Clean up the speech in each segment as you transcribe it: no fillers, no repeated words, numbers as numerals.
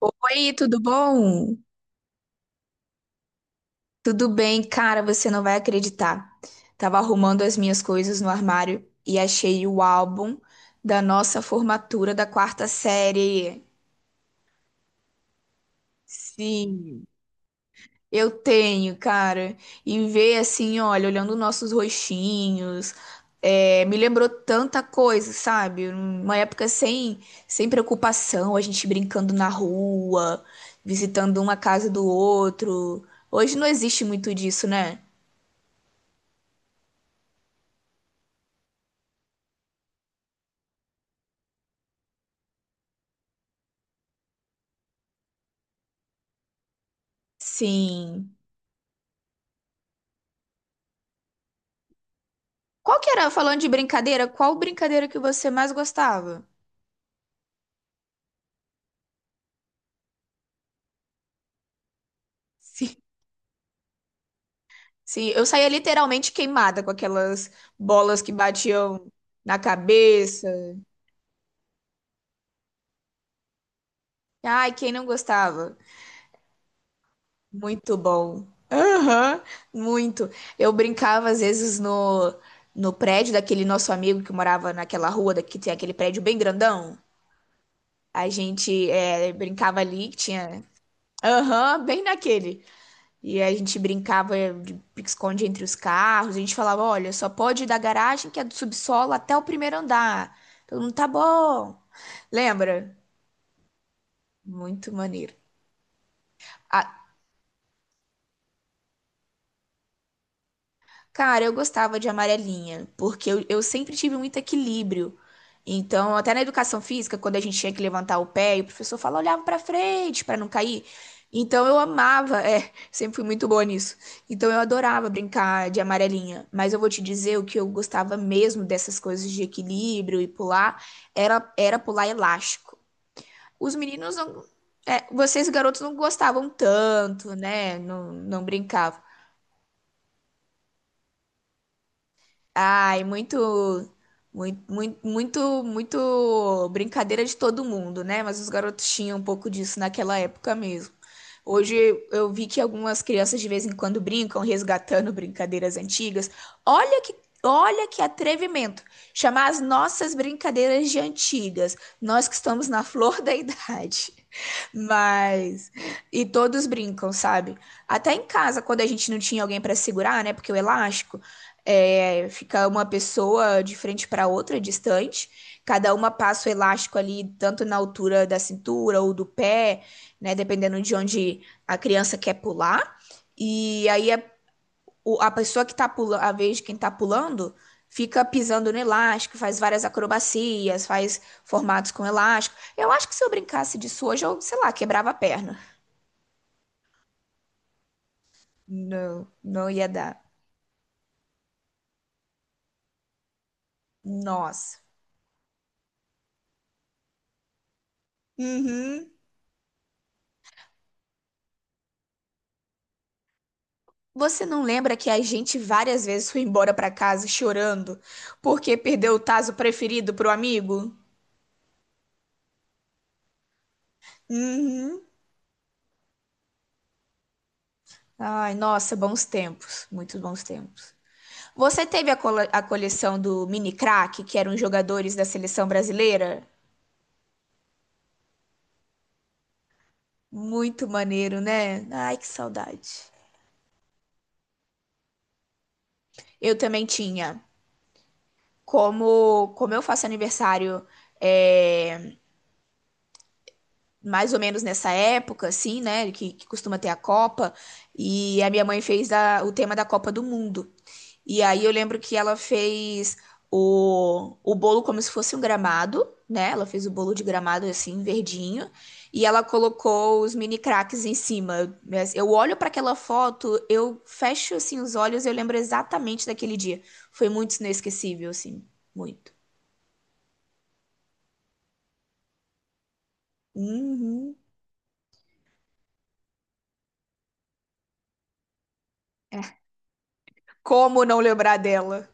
Oi, tudo bom? Tudo bem, cara, você não vai acreditar. Tava arrumando as minhas coisas no armário e achei o álbum da nossa formatura da quarta série. Sim, eu tenho, cara. E ver assim, olha, olhando nossos rostinhos, me lembrou tanta coisa, sabe? Uma época sem preocupação, a gente brincando na rua, visitando uma casa do outro. Hoje não existe muito disso, né? Sim. Qual que era, falando de brincadeira, qual brincadeira que você mais gostava? Sim. Sim, eu saía literalmente queimada com aquelas bolas que batiam na cabeça. Ai, quem não gostava? Muito bom. Aham, muito. Eu brincava às vezes no prédio daquele nosso amigo que morava naquela rua da- que tem aquele prédio bem grandão. A gente brincava ali, que tinha. Aham, bem naquele. E a gente brincava de pique-esconde entre os carros. A gente falava: olha, só pode ir da garagem, que é do subsolo, até o primeiro andar. Todo mundo tá bom. Lembra? Muito maneiro. Ah, cara, eu gostava de amarelinha, porque eu sempre tive muito equilíbrio. Então, até na educação física, quando a gente tinha que levantar o pé, e o professor falava, olhava pra frente pra não cair. Então, eu amava, sempre fui muito boa nisso. Então, eu adorava brincar de amarelinha. Mas eu vou te dizer, o que eu gostava mesmo dessas coisas de equilíbrio e pular, era pular elástico. Os meninos não. Vocês, garotos, não gostavam tanto, né? Não, não brincavam. Ai, muito, muito, muito, muito, muito brincadeira de todo mundo, né? Mas os garotos tinham um pouco disso naquela época mesmo. Hoje eu vi que algumas crianças de vez em quando brincam, resgatando brincadeiras antigas. Olha que, olha que atrevimento! Chamar as nossas brincadeiras de antigas, nós que estamos na flor da idade. Mas. E todos brincam, sabe? Até em casa, quando a gente não tinha alguém para segurar, né? Porque o elástico fica uma pessoa de frente para outra, distante. Cada uma passa o elástico ali, tanto na altura da cintura ou do pé, né? Dependendo de onde a criança quer pular. E aí a pessoa que tá pulando, a vez de quem tá pulando, fica pisando no elástico, faz várias acrobacias, faz formatos com elástico. Eu acho que se eu brincasse disso hoje, eu, sei lá, quebrava a perna. Não, não ia dar. Nossa. Uhum. Você não lembra que a gente várias vezes foi embora pra casa chorando porque perdeu o tazo preferido pro amigo? Uhum. Ai, nossa, bons tempos, muitos bons tempos. Você teve a coleção do Mini Crack, que eram os jogadores da seleção brasileira? Muito maneiro, né? Ai, que saudade. Eu também tinha. Como eu faço aniversário é, mais ou menos nessa época, assim, né? Que costuma ter a Copa, e a minha mãe fez o tema da Copa do Mundo. E aí eu lembro que ela fez o bolo como se fosse um gramado, né? Ela fez o bolo de gramado assim, verdinho, e ela colocou os mini craques em cima. Mas eu olho para aquela foto, eu fecho assim os olhos, eu lembro exatamente daquele dia. Foi muito inesquecível, assim, muito. Uhum. É. Como não lembrar dela?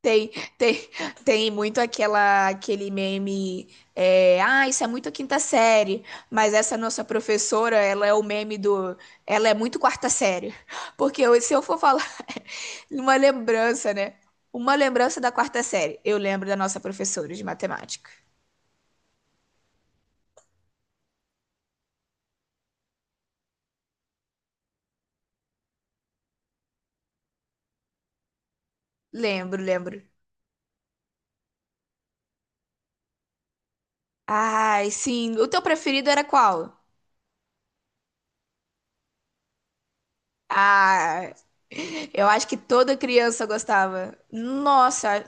Tem, tem, tem muito aquela, aquele meme, isso é muito quinta série, mas essa nossa professora, ela é o meme do, ela é muito quarta série, porque se eu for falar uma lembrança, né, uma lembrança da quarta série, eu lembro da nossa professora de matemática, lembro, lembro, ai, sim, o teu preferido era qual? Ah, eu acho que toda criança gostava. Nossa,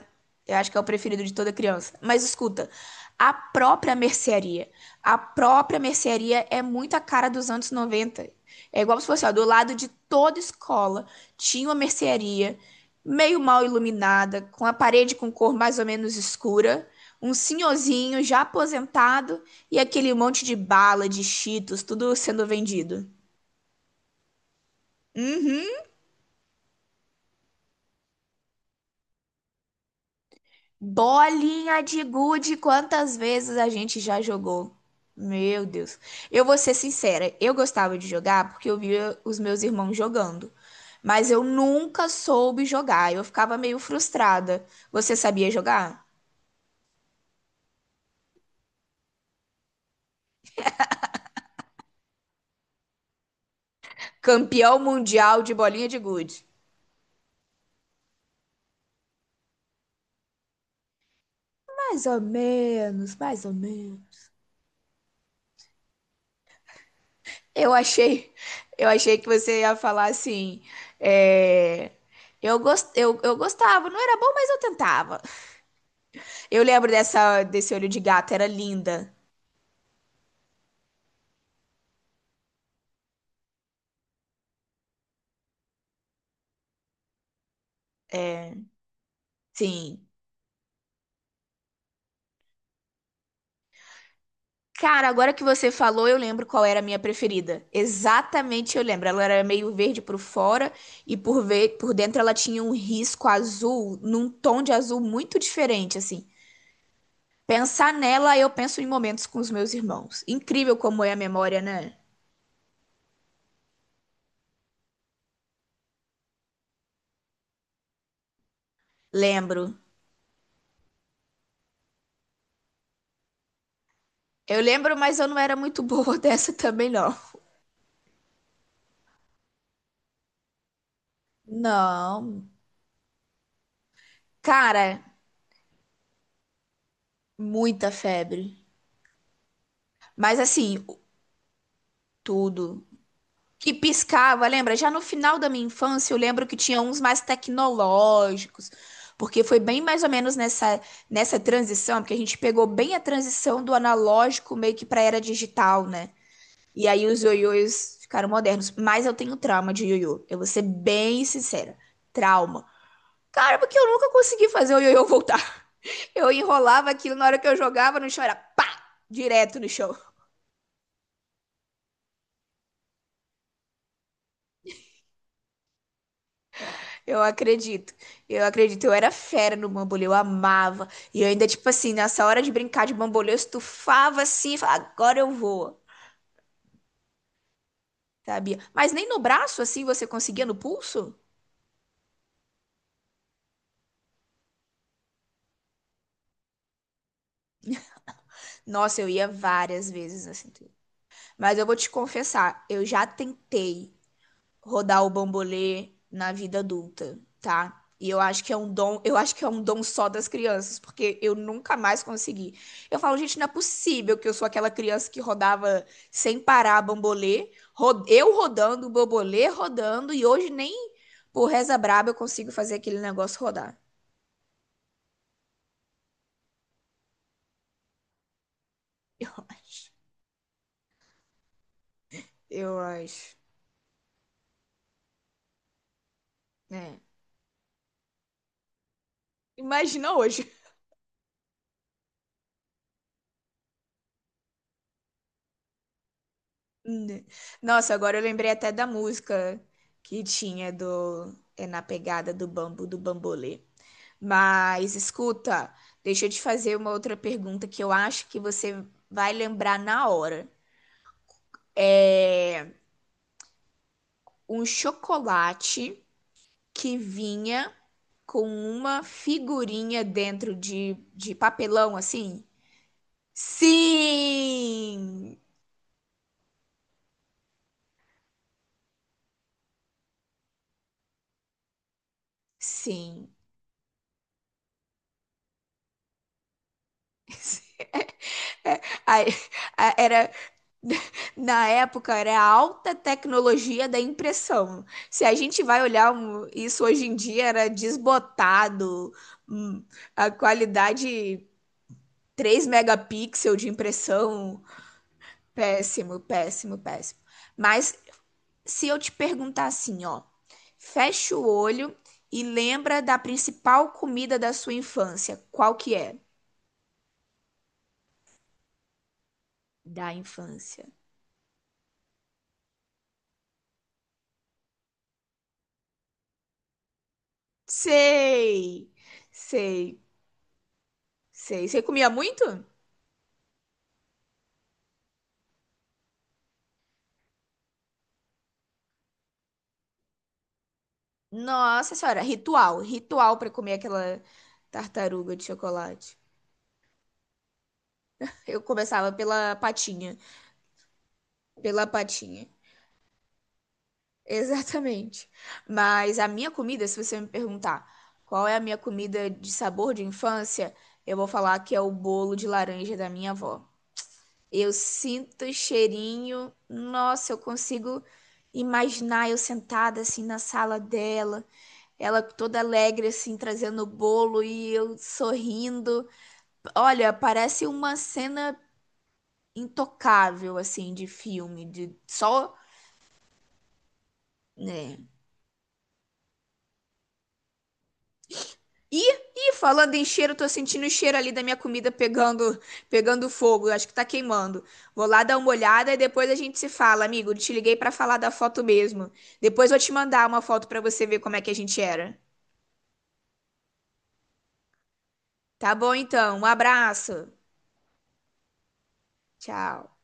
eu acho que é o preferido de toda criança. Mas escuta, a própria mercearia. A própria mercearia é muito a cara dos anos 90. É igual se fosse, ó, do lado de toda escola tinha uma mercearia meio mal iluminada, com a parede com cor mais ou menos escura, um senhorzinho já aposentado e aquele monte de bala, de Cheetos, tudo sendo vendido. Uhum. Bolinha de gude, quantas vezes a gente já jogou? Meu Deus. Eu vou ser sincera, eu gostava de jogar porque eu via os meus irmãos jogando, mas eu nunca soube jogar. Eu ficava meio frustrada. Você sabia jogar? Campeão mundial de bolinha de gude. Mais ou menos, mais ou menos. Eu achei, eu achei que você ia falar assim, é, eu gostava, não era bom, mas eu tentava. Eu lembro dessa, desse olho de gato, era linda. Sim. Cara, agora que você falou, eu lembro qual era a minha preferida. Exatamente, eu lembro. Ela era meio verde por fora e por dentro ela tinha um risco azul, num tom de azul muito diferente, assim. Pensar nela, eu penso em momentos com os meus irmãos. Incrível como é a memória, né? Lembro. Eu lembro, mas eu não era muito boa dessa também, não. Não. Cara, muita febre. Mas assim, tudo. Que piscava, lembra? Já no final da minha infância, eu lembro que tinha uns mais tecnológicos, porque foi bem mais ou menos nessa transição, porque a gente pegou bem a transição do analógico meio que para era digital, né? E aí os ioiôs ficaram modernos. Mas eu tenho trauma de ioiô. Eu vou ser bem sincera. Trauma. Cara, porque eu nunca consegui fazer o ioiô voltar. Eu enrolava aquilo na hora que eu jogava no chão, era pá! Direto no chão. Eu acredito. Eu acredito. Eu era fera no bambolê, eu amava. E eu ainda, tipo assim, nessa hora de brincar de bambolê, eu estufava assim, e falava, agora eu vou. Sabia? Mas nem no braço, assim, você conseguia no pulso? Nossa, eu ia várias vezes assim. Mas eu vou te confessar, eu já tentei rodar o bambolê na vida adulta, tá? E eu acho que é um dom, eu acho que é um dom só das crianças, porque eu nunca mais consegui. Eu falo, gente, não é possível que eu sou aquela criança que rodava sem parar bambolê, eu rodando, o bambolê rodando, e hoje nem por reza braba eu consigo fazer aquele negócio rodar. Eu acho. Eu acho. Né? Imagina hoje. Né? Nossa, agora eu lembrei até da música que tinha do é na pegada do bambu do bambolê. Mas escuta, deixa eu te fazer uma outra pergunta que eu acho que você vai lembrar na hora. Um chocolate que vinha com uma figurinha dentro de papelão assim? Sim! Sim. Aí, era na época era a alta tecnologia da impressão. Se a gente vai olhar um- isso hoje em dia, era desbotado, hum, a qualidade 3 megapixel de impressão, péssimo, péssimo, péssimo. Mas se eu te perguntar assim, ó, fecha o olho e lembra da principal comida da sua infância, qual que é? Da infância. Sei, sei, sei. Você comia muito? Nossa senhora, ritual, ritual pra comer aquela tartaruga de chocolate. Eu começava pela patinha, pela patinha. Exatamente. Mas a minha comida, se você me perguntar qual é a minha comida de sabor de infância, eu vou falar que é o bolo de laranja da minha avó. Eu sinto o cheirinho, nossa, eu consigo imaginar eu sentada assim na sala dela, ela toda alegre assim trazendo o bolo e eu sorrindo. Olha, parece uma cena intocável, assim, de filme, de só, né? E, e falando em cheiro, tô sentindo o cheiro ali da minha comida pegando fogo. Acho que tá queimando. Vou lá dar uma olhada e depois a gente se fala, amigo. Te liguei pra falar da foto mesmo. Depois vou te mandar uma foto pra você ver como é que a gente era. Tá bom, então. Um abraço. Tchau.